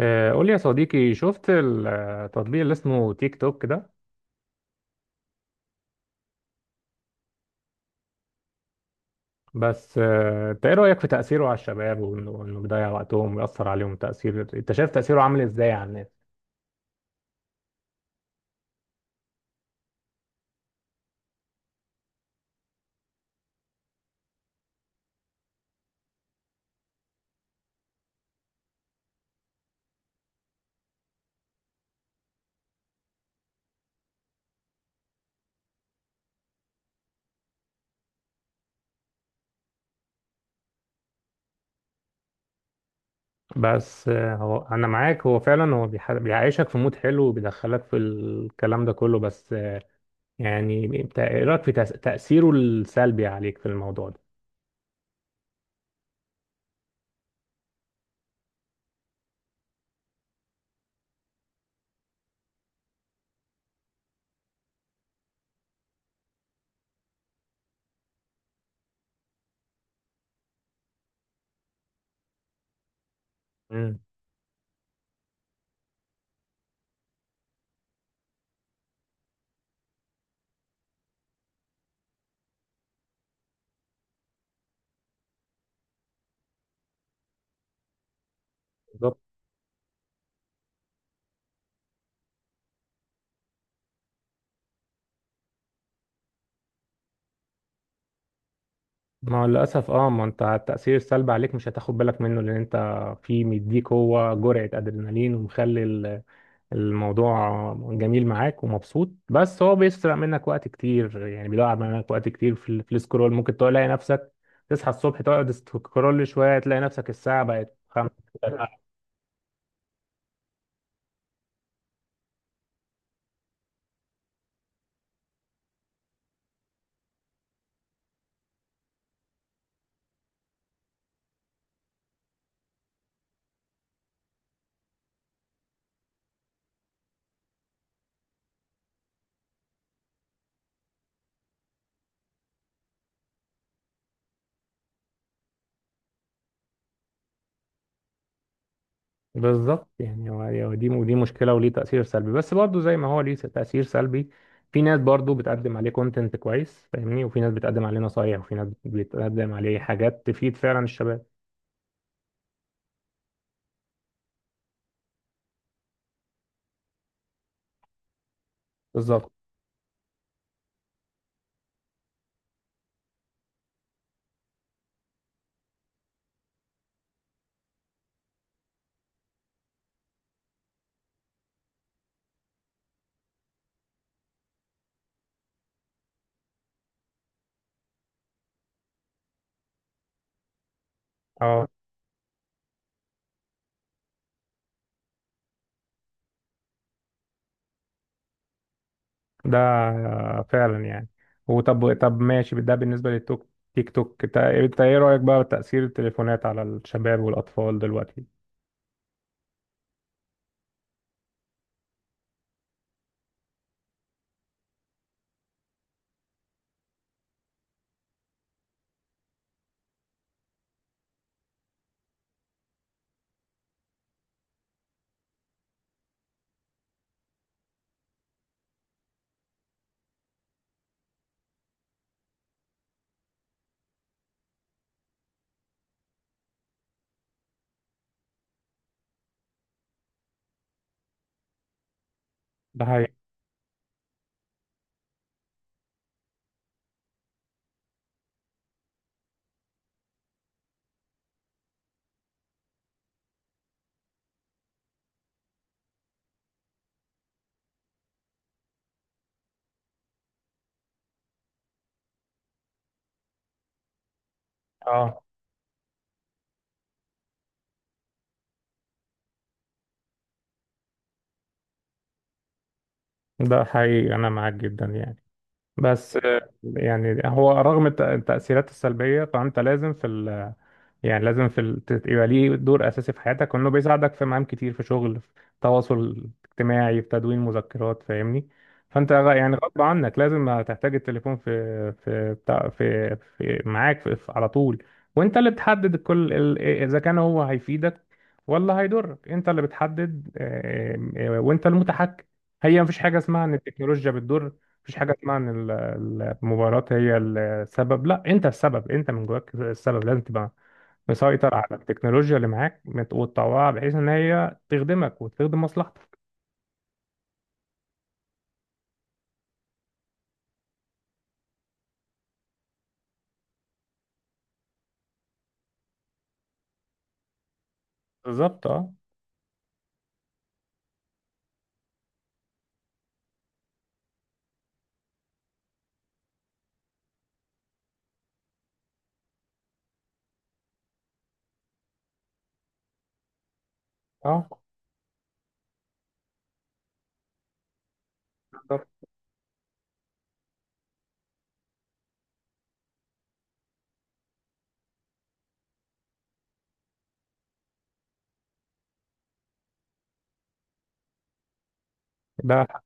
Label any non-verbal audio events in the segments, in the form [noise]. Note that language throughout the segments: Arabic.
قول لي يا صديقي، شفت التطبيق اللي اسمه تيك توك ده؟ بس انت ايه رأيك في تأثيره على الشباب وانه بيضيع وقتهم ويأثر عليهم تأثير؟ انت شايف تأثيره عامل ازاي على الناس؟ بس هو انا معاك، هو فعلا هو بيعيشك في مود حلو وبيدخلك في الكلام ده كله. بس يعني انت ايه رأيك في تأثيره السلبي عليك في الموضوع ده؟ امم بالظبط. ما هو للأسف اه، ما انت التأثير السلبي عليك مش هتاخد بالك منه، لأن انت في مديك هو جرعة أدرينالين ومخلي الموضوع جميل معاك ومبسوط، بس هو بيسرق منك وقت كتير، يعني بيضيع منك وقت كتير في في السكرول. ممكن تلاقي نفسك تصحى الصبح تقعد سكرول شوية تلاقي نفسك الساعة بقت خمسة. [laughs] بالظبط، يعني هو دي، ودي مشكلة وليه تأثير سلبي. بس برضه زي ما هو ليه تأثير سلبي، في ناس برضه بتقدم عليه كونتنت كويس، فاهمني، وفي ناس بتقدم عليه نصايح، وفي ناس بتقدم عليه حاجات تفيد فعلا الشباب. بالظبط اه. ده فعلا يعني. وطب، طب ماشي، ده بالنسبة للتوك، تيك توك، انت ايه رأيك بقى بتأثير التليفونات على الشباب والأطفال دلوقتي؟ ده حقيقي. اه، ده حقيقي، انا معاك جدا يعني. بس يعني هو رغم التأثيرات السلبية، فأنت لازم في ال، يعني لازم في ال... يبقى ليه دور اساسي في حياتك، وانه بيساعدك في مهام كتير، في شغل، في تواصل اجتماعي، في تدوين مذكرات، فاهمني. فانت يعني غصب عنك لازم هتحتاج التليفون في بتاع، في معاك في... في... على طول. وانت اللي بتحدد كل ال... اذا كان هو هيفيدك ولا هيضرك، انت اللي بتحدد. آم، آه، وانت المتحكم. هي مفيش حاجه اسمها ان التكنولوجيا بتضر، مفيش حاجه اسمها ان ال- المباراه هي السبب. لا، انت السبب، انت من جواك السبب، لازم تبقى مسيطر على التكنولوجيا اللي معاك، وتطوعها بحيث ان هي تخدمك وتخدم مصلحتك. بالظبط اه. اه بالظبط. ده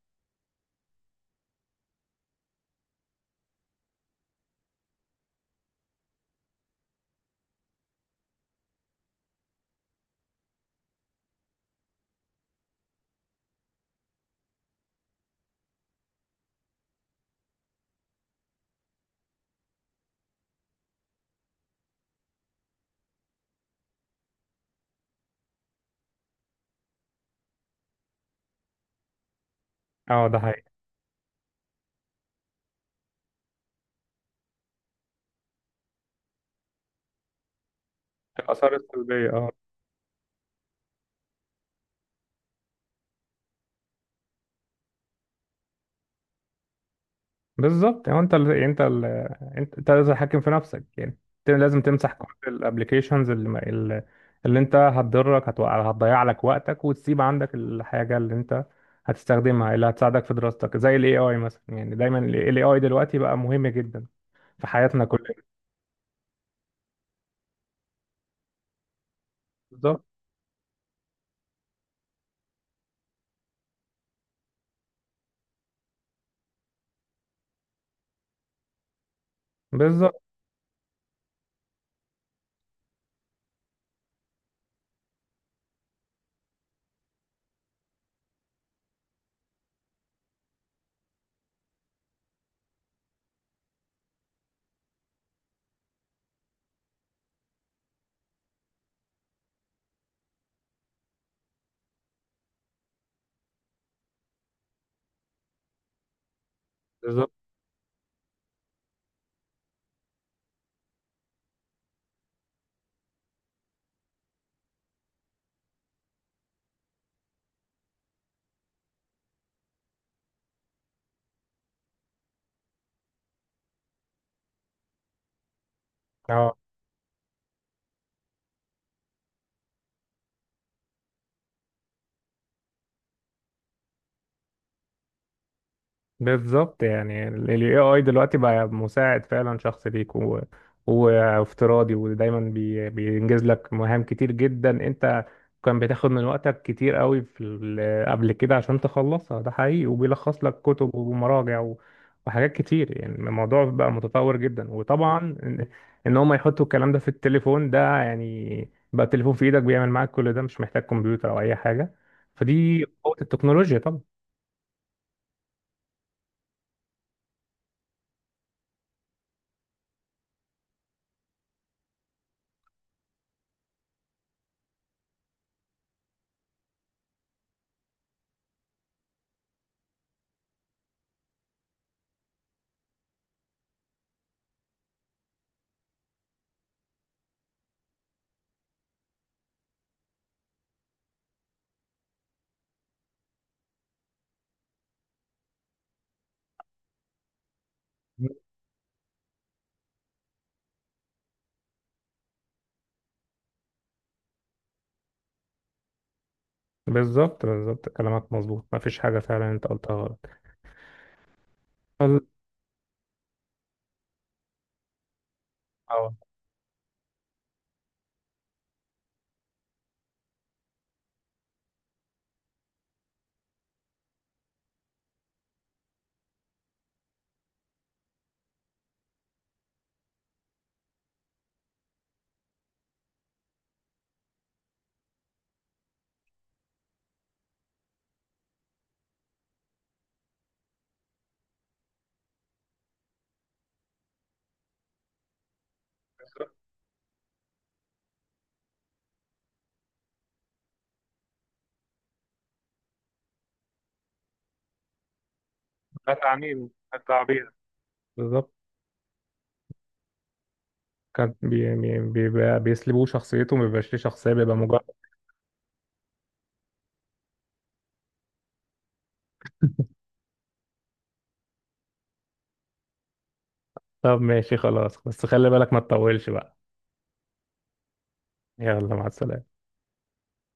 اه، ده حقيقي. الاثار السلبيه اه. بالظبط يعني انت ال... انت ال... انت لازم تحكم في نفسك يعني. انت لازم تمسح كل الابلكيشنز اللي, ما- اللي اللي انت هتضرك، هتوقع هتضيع لك وقتك، وتسيب عندك الحاجه اللي انت هتستخدمها، اللي هتساعدك في دراستك، زي الاي اي مثلا. يعني دايما الاي اي دلوقتي بقى مهم جدا في حياتنا كلنا. بالظبط بالظبط بالظبط. بالظبط يعني ال AI دلوقتي بقى مساعد فعلا شخص ليك و... وافتراضي، ودايما بي... بينجز لك مهام كتير جدا انت كان بتاخد من وقتك كتير قوي في ال... قبل كده عشان تخلصها. ده حقيقي. وبيلخص لك كتب ومراجع و... وحاجات كتير. يعني الموضوع بقى متطور جدا، وطبعا ان إن هم يحطوا الكلام ده في التليفون ده، يعني بقى التليفون في ايدك بيعمل معاك كل ده، مش محتاج كمبيوتر او اي حاجة. فدي قوة التكنولوجيا طبعا. بالظبط بالظبط. كلامك مظبوط، ما فيش حاجة فعلا انت قلتها غلط. ال- اه. ده تعميم، ده تعبير. بالظبط. كان بي بيبقى بيسلبوه شخصيته، ما بيبقاش ليه شخصية، بيبقى مجرد. طب ماشي خلاص، بس خلي بالك ما تطولش بقى. يلا، مع السلامة.